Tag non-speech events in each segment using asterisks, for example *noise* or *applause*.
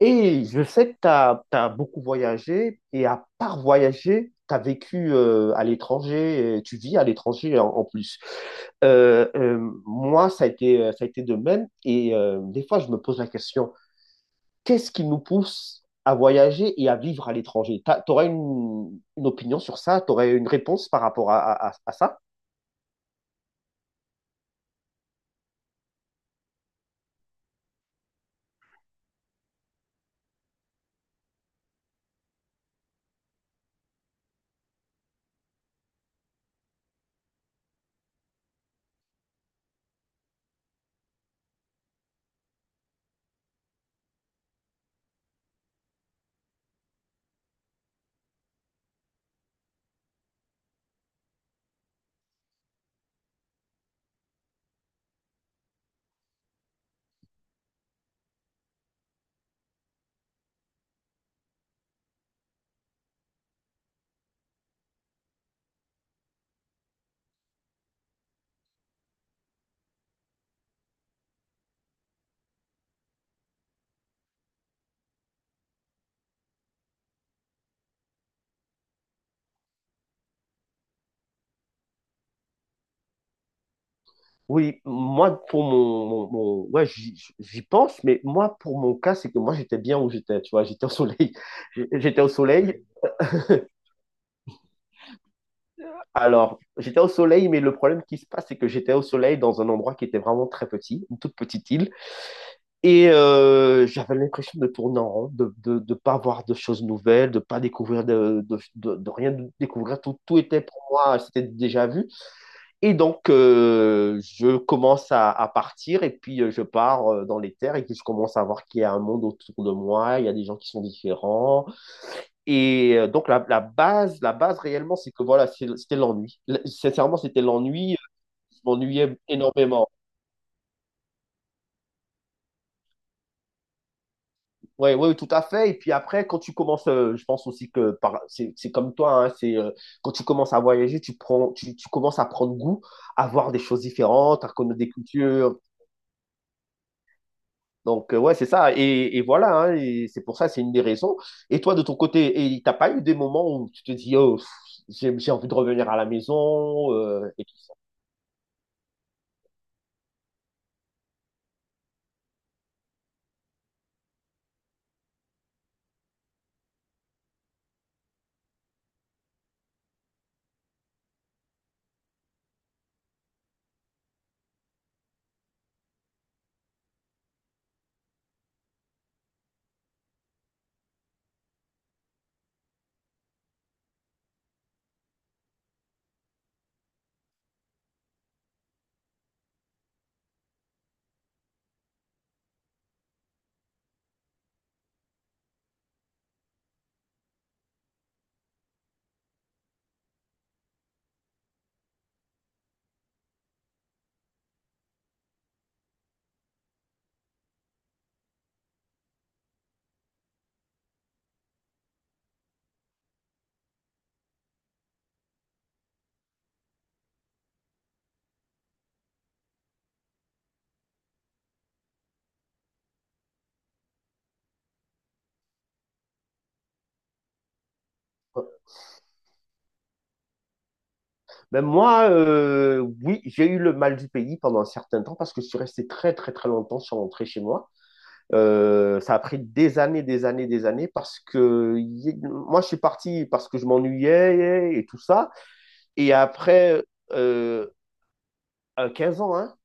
Et je sais que tu as beaucoup voyagé et à part voyager, tu as vécu à l'étranger, et tu vis à l'étranger en plus. Euh, euh, moi, ça a été de même et des fois, je me pose la question, qu'est-ce qui nous pousse à voyager et à vivre à l'étranger? Tu aurais une opinion sur ça? Tu aurais une réponse par rapport à ça? Oui, moi, pour mon, mon, mon- ouais, j'y pense, mais moi, pour mon cas, c'est que moi, j'étais bien où j'étais, tu vois, j'étais au soleil. *laughs* J'étais au soleil. Alors, j'étais au soleil, mais le problème qui se passe, c'est que j'étais au soleil dans un endroit qui était vraiment très petit, une toute petite île, et j'avais l'impression de tourner en rond, de pas voir de choses nouvelles, de pas découvrir de rien découvrir. Tout était pour moi, c'était déjà vu. Et donc, je commence à partir et puis je pars dans les terres et puis je commence à voir qu'il y a un monde autour de moi, il y a des gens qui sont différents. Et donc, la base réellement, c'est que voilà, c'était l'ennui. Sincèrement, c'était l'ennui. Je m'ennuyais énormément. Ouais, ouais, tout à fait. Et puis après, quand tu commences, je pense aussi que c'est comme toi, hein, quand tu commences à voyager, tu commences à prendre goût à voir des choses différentes, à connaître des cultures. Donc, ouais, c'est ça. Et voilà, hein, et c'est pour ça, c'est une des raisons. Et toi, de ton côté, et t'as pas eu des moments où tu te dis, oh, pff, j'ai envie de revenir à la maison et tout ça. Même moi, oui, j'ai eu le mal du pays pendant un certain temps parce que je suis resté très, très, très longtemps sans rentrer chez moi. Ça a pris des années, des années, des années parce que moi, je suis parti parce que je m'ennuyais et tout ça. Et après, euh, à 15 ans, hein.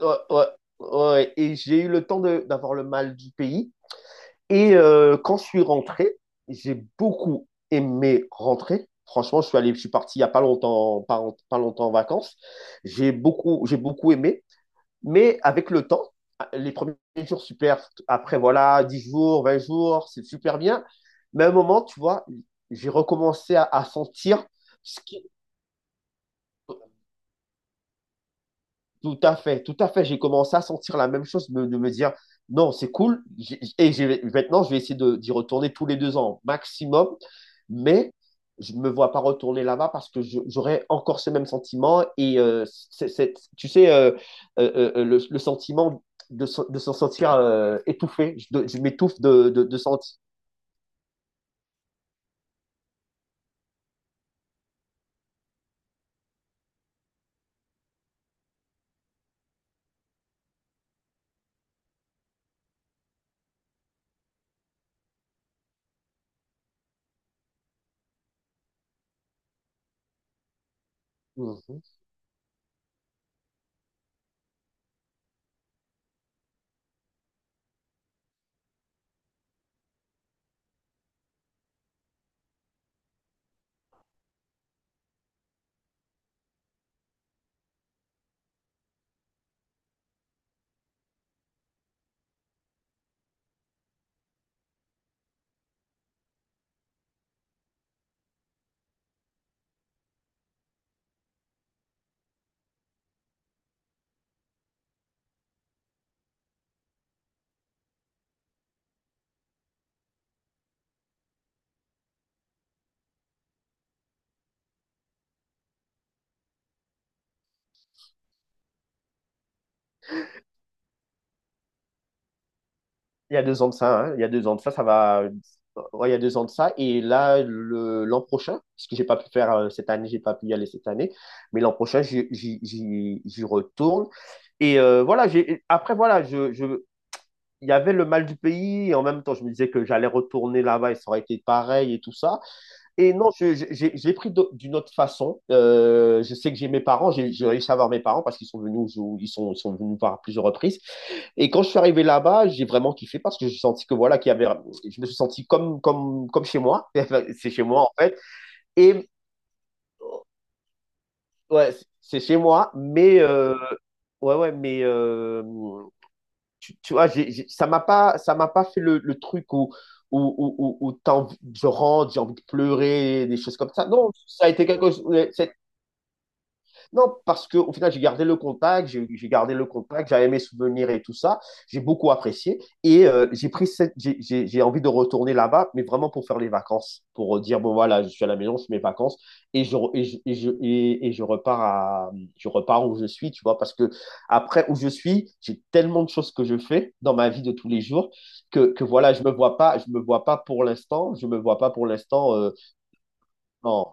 Ouais, ouais, ouais. Et j'ai eu le temps d'avoir le mal du pays. Et quand je suis rentré, j'ai beaucoup aimé rentrer. Franchement, je suis parti il n'y a pas longtemps, pas longtemps en vacances. J'ai beaucoup aimé. Mais avec le temps, les premiers jours, super. Après, voilà, 10 jours, 20 jours, c'est super bien. Mais à un moment, tu vois, j'ai recommencé à sentir ce qui, Tout à fait, tout à fait. J'ai commencé à sentir la même chose, de me dire, non, c'est cool. Maintenant, je vais essayer d'y retourner tous les 2 ans maximum. Mais je ne me vois pas retourner là-bas parce que j'aurais encore ce même sentiment. Et tu sais, le sentiment de se sentir étouffé. Je m'étouffe de sentir. Mmh. Il y a 2 ans de ça, hein. Il y a 2 ans de ça, ça va. Ouais, il y a 2 ans de ça. Et là, l'an prochain, ce que j'ai pas pu faire cette année, j'ai pas pu y aller cette année, mais l'an prochain, j'y retourne. Et voilà, après, voilà, il y avait le mal du pays, et en même temps, je me disais que j'allais retourner là-bas et ça aurait été pareil et tout ça. Et non, je l'ai pris d'une autre façon. Je sais que j'ai mes parents, j'ai réussi à voir mes parents parce qu'ils sont venus, ils sont venus voir à plusieurs reprises. Et quand je suis arrivé là-bas, j'ai vraiment kiffé parce que j'ai senti que voilà, je me suis senti comme chez moi. *laughs* Enfin, c'est chez moi en fait. Et ouais, c'est chez moi, mais ouais, ouais, mais tu vois, ça m'a pas fait le truc où, où, où je rentre, j'ai envie de pleurer, des choses comme ça. Non, ça a été quelque chose. Non, parce que au final, j'ai gardé le contact, j'ai gardé le contact, j'avais mes souvenirs et tout ça. J'ai beaucoup apprécié et j'ai pris cette, j'ai envie de retourner là-bas, mais vraiment pour faire les vacances, pour dire bon voilà, je suis à la maison, je fais mes vacances et je re- et je et je, et- et je repars à je repars où je suis, tu vois, parce que après où je suis, j'ai tellement de choses que je fais dans ma vie de tous les jours que voilà, je me vois pas, je me vois pas pour l'instant, je me vois pas pour l'instant. Non.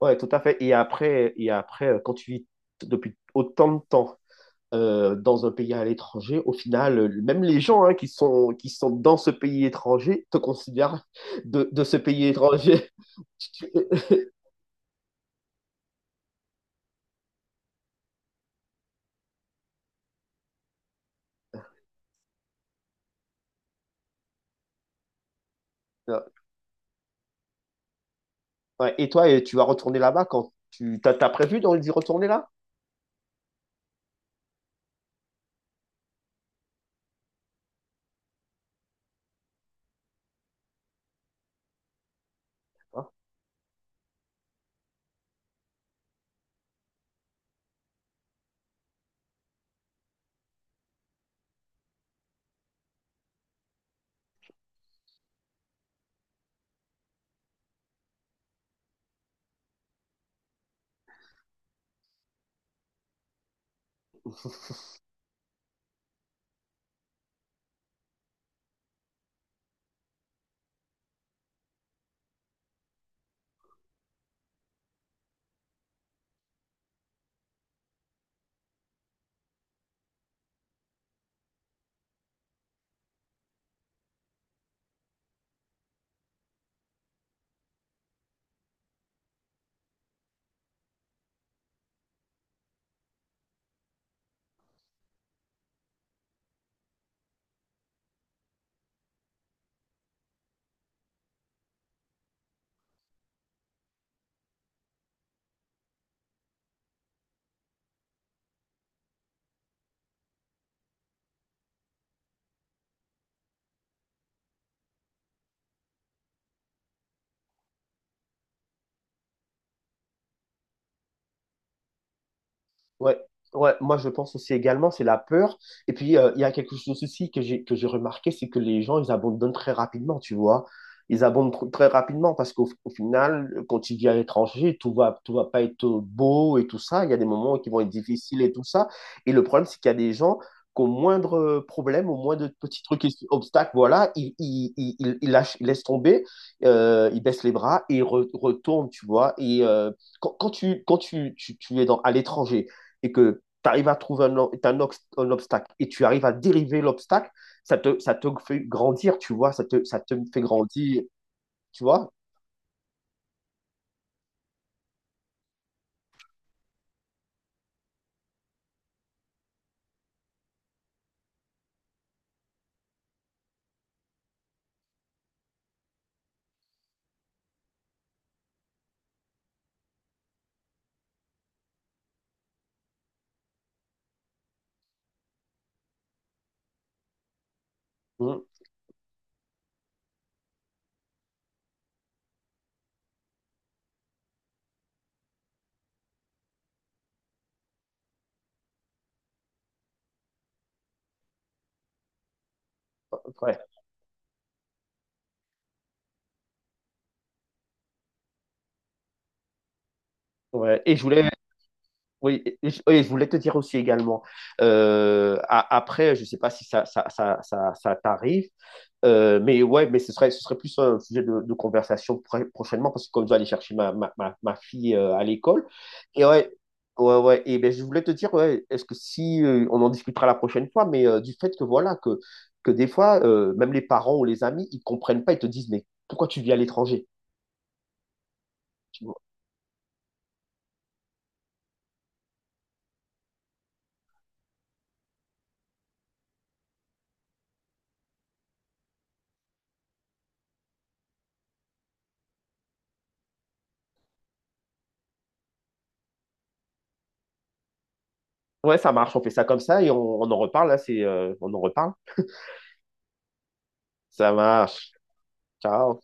Ouais, tout à fait. Et après, quand tu vis depuis autant de temps dans un pays à l'étranger, au final, même les gens hein, qui sont dans ce pays étranger te considèrent de ce pays étranger. *laughs* Tu- tu- euh, Ouais. Et toi, tu vas retourner là-bas quand t'as prévu d'y retourner là? Ouais, ouais, moi je pense aussi également, c'est la peur. Et puis il y a quelque chose aussi que j'ai remarqué, c'est que les gens, ils abandonnent très rapidement, tu vois. Ils abandonnent très rapidement parce qu'au au final, quand tu vis à l'étranger, tout va pas être beau et tout ça. Il y a des moments qui vont être difficiles et tout ça. Et le problème, c'est qu'il y a des gens qu'au moindre problème, au moindre petit truc, obstacle, voilà, ils lâchent, ils laissent tomber, ils baissent les bras et ils retournent, tu vois. Et quand tu es à l'étranger, et que tu arrives à trouver un obstacle et tu arrives à dériver l'obstacle, ça te fait grandir, tu vois, ça te fait grandir, tu vois. Mmh. Ouais, ouais. Oui, et je voulais te dire aussi également, après, je sais pas si ça t'arrive. Mais ouais, mais ce serait plus un sujet de conversation prochainement parce que comme je dois aller chercher ma fille à l'école. Et ouais, ouais, ouais. Et ben, je voulais te dire, ouais, est-ce que si on en discutera la prochaine fois, mais du fait que voilà, que des fois, même les parents ou les amis, ils comprennent pas, ils te disent, mais pourquoi tu vis à l'étranger? Tu vois. Ouais, ça marche, on fait ça comme ça et on en reparle, là, on en reparle. Ça marche. Ciao.